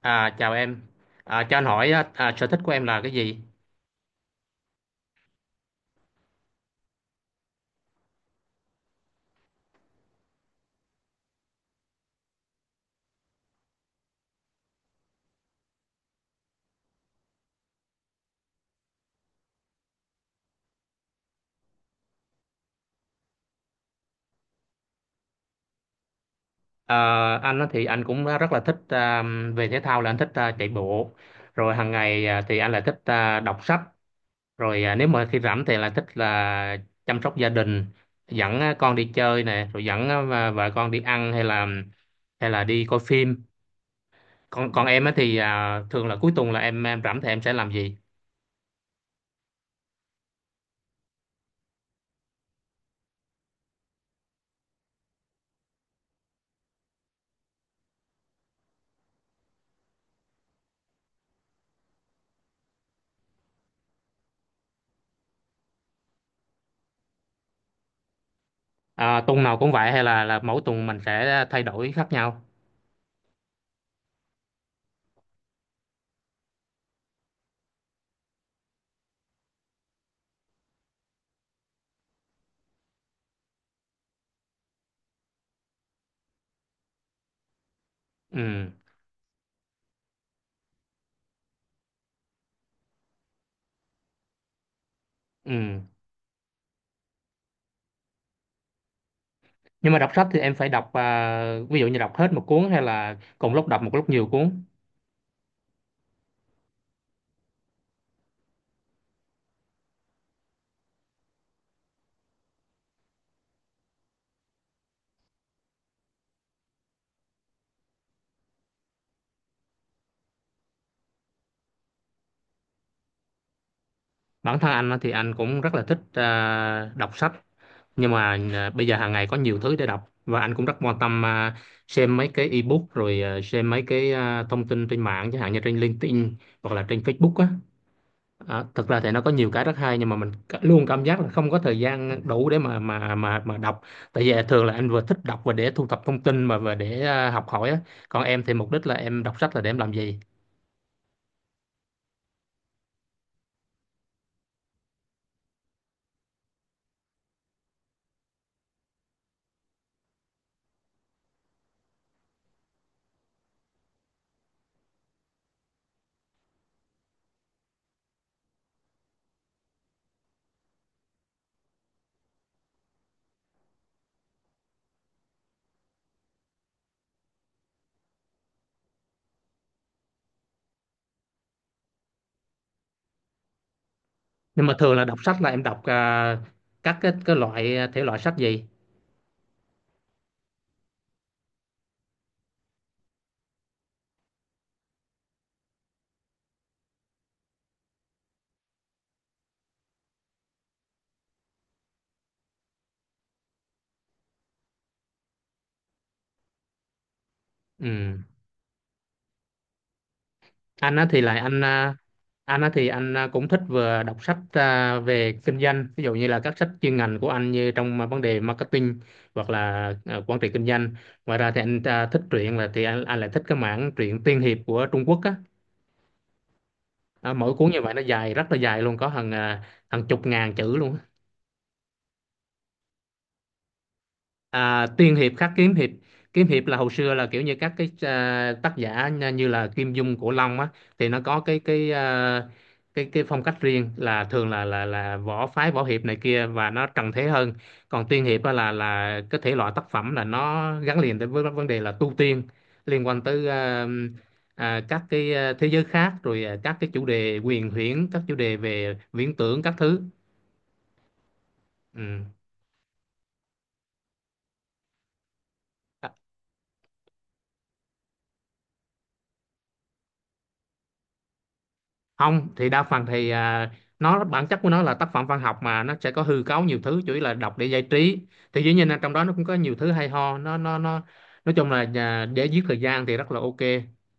Chào em. Cho anh hỏi á, sở thích của em là cái gì? À, anh á thì anh cũng rất là thích về thể thao là anh thích chạy bộ. Rồi hàng ngày thì anh lại thích đọc sách. Rồi nếu mà khi rảnh thì lại thích là chăm sóc gia đình, dẫn con đi chơi nè, rồi dẫn vợ vợ con đi ăn hay là đi coi phim. Còn còn em á thì thường là cuối tuần là em rảnh thì em sẽ làm gì? Tuần nào cũng vậy hay là mỗi tuần mình sẽ thay đổi khác nhau? Ừ. Ừ. Nhưng mà đọc sách thì em phải đọc ví dụ như đọc hết một cuốn hay là cùng lúc đọc một lúc nhiều cuốn. Bản thân anh á, thì anh cũng rất là thích đọc sách, nhưng mà bây giờ hàng ngày có nhiều thứ để đọc và anh cũng rất quan tâm, xem mấy cái ebook, rồi xem mấy cái thông tin trên mạng chẳng hạn như trên LinkedIn hoặc là trên Facebook á. Thực ra thì nó có nhiều cái rất hay nhưng mà luôn cảm giác là không có thời gian đủ để mà đọc, tại vì thường là anh vừa thích đọc và để thu thập thông tin mà và để học hỏi á. Còn em thì mục đích là em đọc sách là để em làm gì? Nhưng mà thường là đọc sách là em đọc, các cái loại thể loại sách gì? Ừ. anh á thì lại anh à, anh á thì anh cũng thích vừa đọc sách về kinh doanh, ví dụ như là các sách chuyên ngành của anh như trong vấn đề marketing hoặc là quản trị kinh doanh. Ngoài ra thì anh thích truyện là thì anh lại thích cái mảng truyện tiên hiệp của Trung Quốc á. Mỗi cuốn như vậy nó dài rất là dài luôn, có hàng hàng chục ngàn chữ luôn á. Tiên hiệp khắc kiếm hiệp. Kiếm hiệp là hồi xưa là kiểu như các cái tác giả như là Kim Dung, Cổ Long á, thì nó có cái cái phong cách riêng là thường là là võ phái, võ hiệp này kia và nó trần thế hơn. Còn tiên hiệp á là cái thể loại tác phẩm là nó gắn liền tới với vấn đề là tu tiên, liên quan tới các cái thế giới khác, rồi các cái chủ đề huyền huyễn, các chủ đề về viễn tưởng các thứ. Ừ. Không, thì đa phần thì nó bản chất của nó là tác phẩm văn học mà nó sẽ có hư cấu nhiều thứ, chủ yếu là đọc để giải trí. Thì dĩ nhiên là trong đó nó cũng có nhiều thứ hay ho, nó nói chung là để giết thời gian thì rất là ok.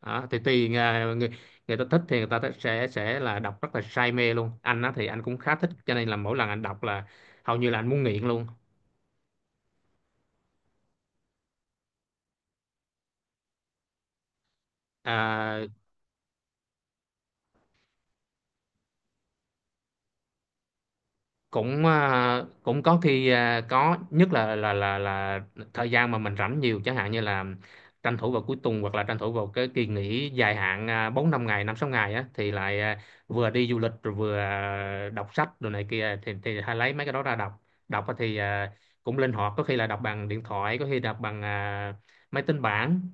Đó, thì tùy người, người ta thích thì sẽ là đọc rất là say mê luôn. Anh á thì anh cũng khá thích cho nên là mỗi lần anh đọc là hầu như là anh muốn nghiện luôn. à, Cũng cũng có khi có, nhất là thời gian mà mình rảnh nhiều, chẳng hạn như là tranh thủ vào cuối tuần hoặc là tranh thủ vào cái kỳ nghỉ dài hạn 4 5 ngày 5 6 ngày á thì lại vừa đi du lịch rồi vừa đọc sách rồi này kia, thì hay lấy mấy cái đó ra đọc. Đọc á thì cũng linh hoạt, có khi là đọc bằng điện thoại, có khi đọc bằng máy tính bảng.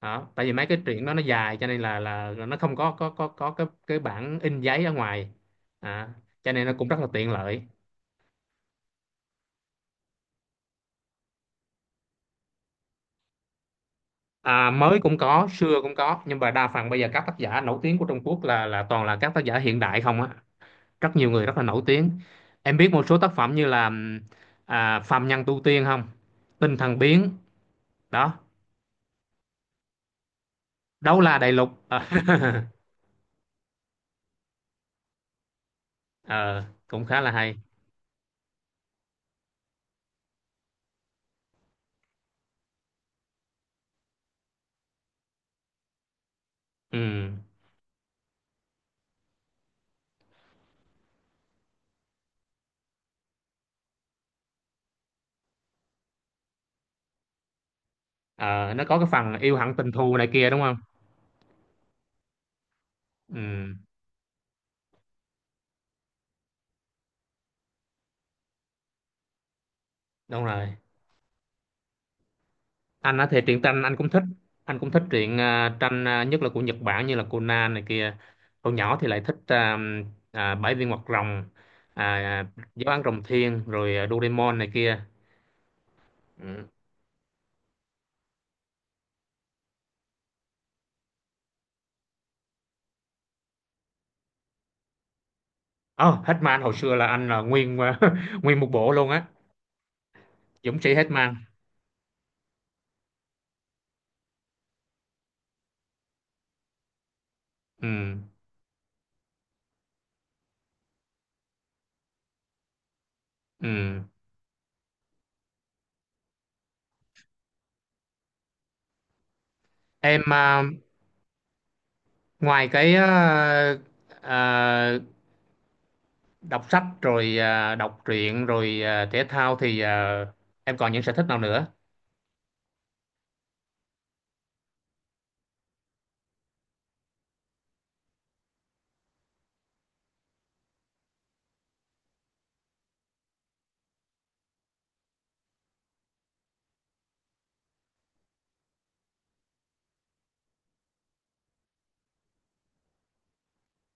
Đó, tại vì mấy cái truyện đó nó dài cho nên là nó không có cái bản in giấy ở ngoài. À, cho nên nó cũng rất là tiện lợi. Mới cũng có, xưa cũng có, nhưng mà đa phần bây giờ các tác giả nổi tiếng của Trung Quốc là toàn là các tác giả hiện đại không á, rất nhiều người rất là nổi tiếng. Em biết một số tác phẩm như là Phàm Nhân Tu Tiên không? Tinh Thần Biến, đó, Đấu La Đại Lục. Ờ, ờ, cũng khá là hay. Ừ. Ờ, nó có cái phần yêu hận tình thù này kia đúng không? Ừ, đúng rồi. Anh á thì truyện tranh anh cũng thích, anh cũng thích truyện tranh, nhất là của Nhật Bản như là Conan này kia. Hồi nhỏ thì lại thích Bảy viên hoạt rồng, à, à, Giáo án rồng thiên, rồi Doraemon này kia. Ừ. Oh, Hitman hồi xưa là anh là nguyên nguyên một bộ luôn á. Dũng sĩ Hitman. Ừ. Ừ. Em ngoài cái à, đọc sách rồi đọc truyện rồi thể thao thì em còn những sở thích nào nữa?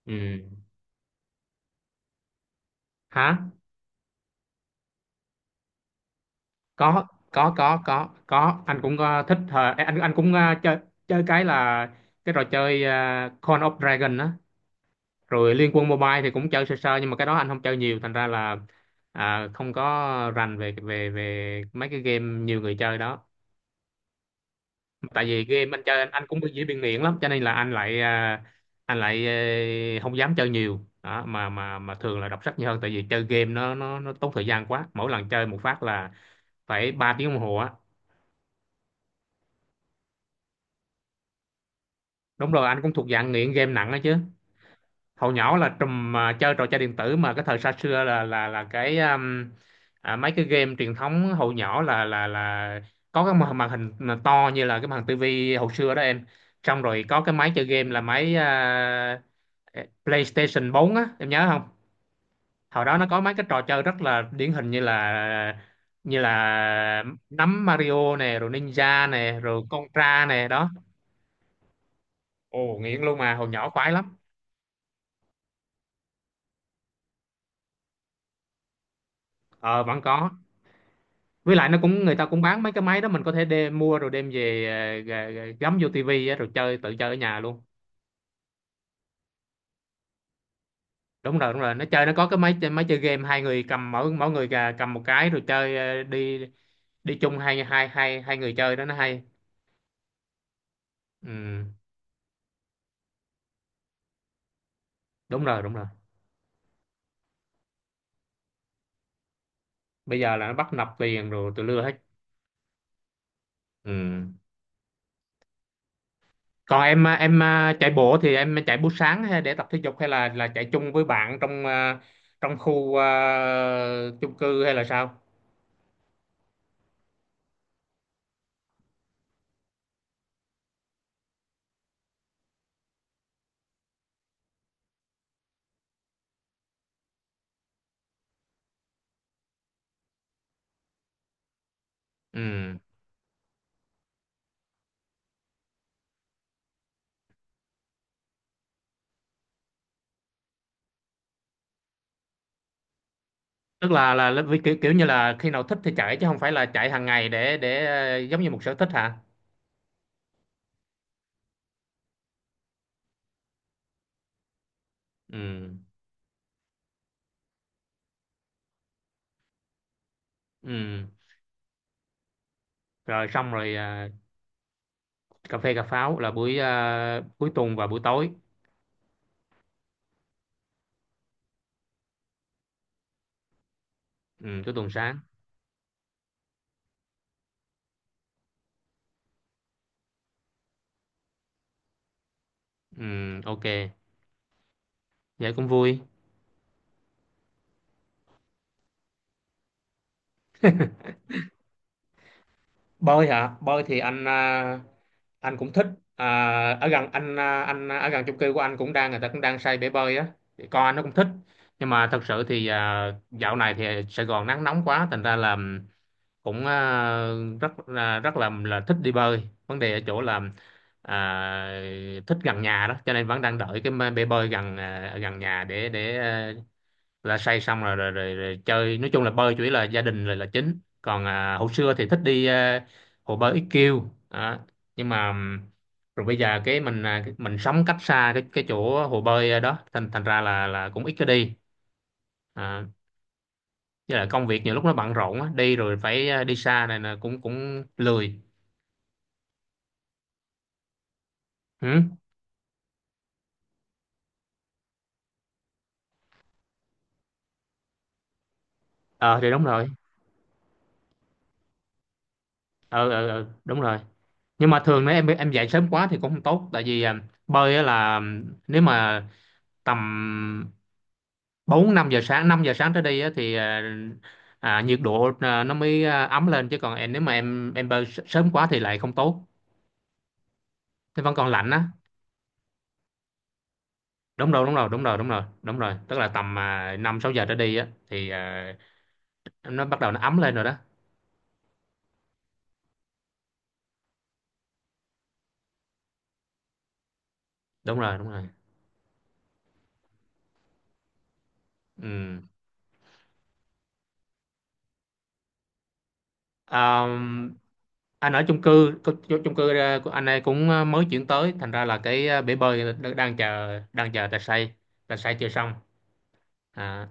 Ừ. Hả? Có, anh cũng ờ, thích, ờ, anh cũng ờ, chơi, chơi cái là cái trò chơi ờ, Call of Dragon á, rồi Liên Quân Mobile thì cũng chơi sơ sơ, nhưng mà cái đó anh không chơi nhiều thành ra là không có rành về về về mấy cái game nhiều người chơi đó. Tại vì game anh chơi anh cũng bị dễ bị nghiện lắm cho nên là anh lại anh lại ờ, không dám chơi nhiều. Đó, mà thường là đọc sách nhiều hơn tại vì chơi game nó tốn thời gian quá, mỗi lần chơi một phát là phải 3 tiếng đồng hồ á. Đúng rồi, anh cũng thuộc dạng nghiện game nặng đó chứ. Hồi nhỏ là trùm chơi trò chơi điện tử mà cái thời xa xưa là cái mấy cái game truyền thống, hồi nhỏ là có cái màn màn hình mà to như là cái màn hình tivi hồi xưa đó em. Xong rồi có cái máy chơi game là máy PlayStation 4 á, em nhớ không? Hồi đó nó có mấy cái trò chơi rất là điển hình như là nắm Mario nè, rồi Ninja nè, rồi Contra nè đó. Ồ nghiện luôn, mà hồi nhỏ khoái lắm. Ờ vẫn có, với lại nó cũng người ta cũng bán mấy cái máy đó, mình có thể đem mua rồi đem về ờ, gắm vô tivi á, rồi chơi tự chơi ở nhà luôn. Đúng rồi, đúng rồi, nó chơi nó có cái máy chơi, máy chơi game hai người cầm, mỗi mỗi người cầm một cái rồi chơi ờ, đi đi chung, hai hai hai hai người chơi đó nó hay. Ừ, đúng rồi, đúng rồi. Bây giờ là nó bắt nạp tiền rồi tụi lưa hết. Ừ. Còn em chạy bộ thì em chạy buổi sáng hay để tập thể dục hay là chạy chung với bạn trong trong khu chung cư hay là sao? Ừ, tức là vì kiểu kiểu như là khi nào thích thì chạy chứ không phải là chạy hàng ngày để ờ, giống như một sở thích hả? Ừ. Ừ. Rồi xong rồi cà phê cà pháo là buổi cuối tuần và buổi tối. Ừ, cuối tuần sáng. Ừ, ok, vậy cũng vui. Bơi hả? Bơi thì anh anh cũng thích, à, ở gần anh, anh ở gần chung cư của anh cũng đang, người ta cũng đang xây bể bơi á. Thì con anh nó cũng thích, nhưng mà thật sự thì dạo này thì Sài Gòn nắng nóng quá thành ra là cũng rất là thích đi bơi. Vấn đề ở chỗ là à, thích gần nhà đó, cho nên vẫn đang đợi cái bể bơi gần gần nhà, để là say, xong rồi rồi, rồi rồi chơi. Nói chung là bơi chủ yếu là gia đình rồi là chính, còn hồi xưa thì thích đi hồ bơi IQ đó. Nhưng mà rồi bây giờ cái mình mình sống cách xa cái chỗ hồ bơi đó thành thành ra là cũng ít có đi. à, với lại công việc nhiều lúc nó bận rộn á, đi rồi phải đi xa này là cũng cũng lười. Ừ. Ờ thì đúng rồi. Ờ đúng rồi. Nhưng mà thường nếu em dậy sớm quá thì cũng không tốt tại vì bơi á là nếu mà tầm 4 5 giờ sáng, 5 giờ sáng tới đi á thì nhiệt độ nó mới ấm lên, chứ còn em nếu mà em bơi sớm quá thì lại không tốt. Nó vẫn còn lạnh á. Đúng rồi, đúng rồi, đúng rồi, đúng rồi, đúng rồi. Tức là tầm 5 6 giờ tới đi á thì nó bắt đầu nó ấm lên rồi đó. Đúng rồi, đúng rồi. Ừ. Anh ở chung cư chung cư ờ, của anh ấy cũng ờ, mới chuyển tới thành ra là cái ờ, bể bơi đang chờ, đang chờ tài xay, tài xay chưa xong. à,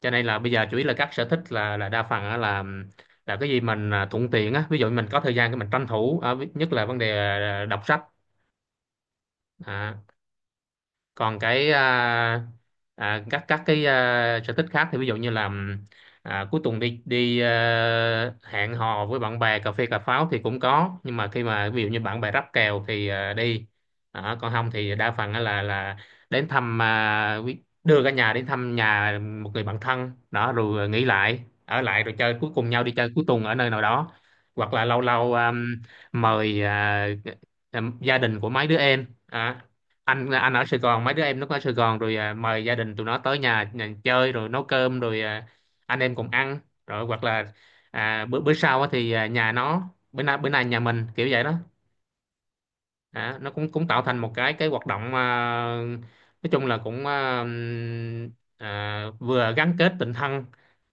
cho nên là bây giờ chủ yếu là các sở thích là đa phần á là cái gì mình thuận tiện á, ví dụ mình có thời gian thì mình tranh thủ, nhất là vấn đề đọc sách. À, còn cái các cái sở thích khác thì ví dụ như là cuối tuần đi đi hẹn hò với bạn bè cà phê cà pháo thì cũng có, nhưng mà khi mà ví dụ như bạn bè ráp kèo thì đi. Đó, còn không thì đa phần á là đến thăm đưa cả nhà đến thăm nhà một người bạn thân đó, rồi nghỉ lại ở lại rồi chơi cuối cùng nhau, đi chơi cuối tuần ở nơi nào đó, hoặc là lâu lâu mời gia đình của mấy đứa em. Đó, anh ở Sài Gòn, mấy đứa em nó ở Sài Gòn, rồi mời gia đình tụi nó tới nhà chơi, rồi nấu cơm rồi anh em cùng ăn, rồi hoặc là bữa bữa sau á thì nhà nó, bữa nay nhà mình, kiểu vậy đó. Nó cũng cũng tạo thành một cái hoạt động nói chung là cũng vừa gắn kết tình thân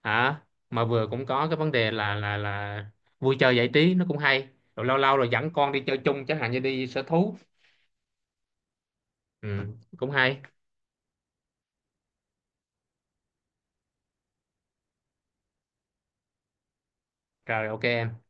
hả, mà vừa cũng có cái vấn đề là vui chơi giải trí, nó cũng hay. Rồi lâu lâu rồi dẫn con đi chơi chung chẳng hạn như đi sở thú, ừ, cũng hay. Rồi ok em.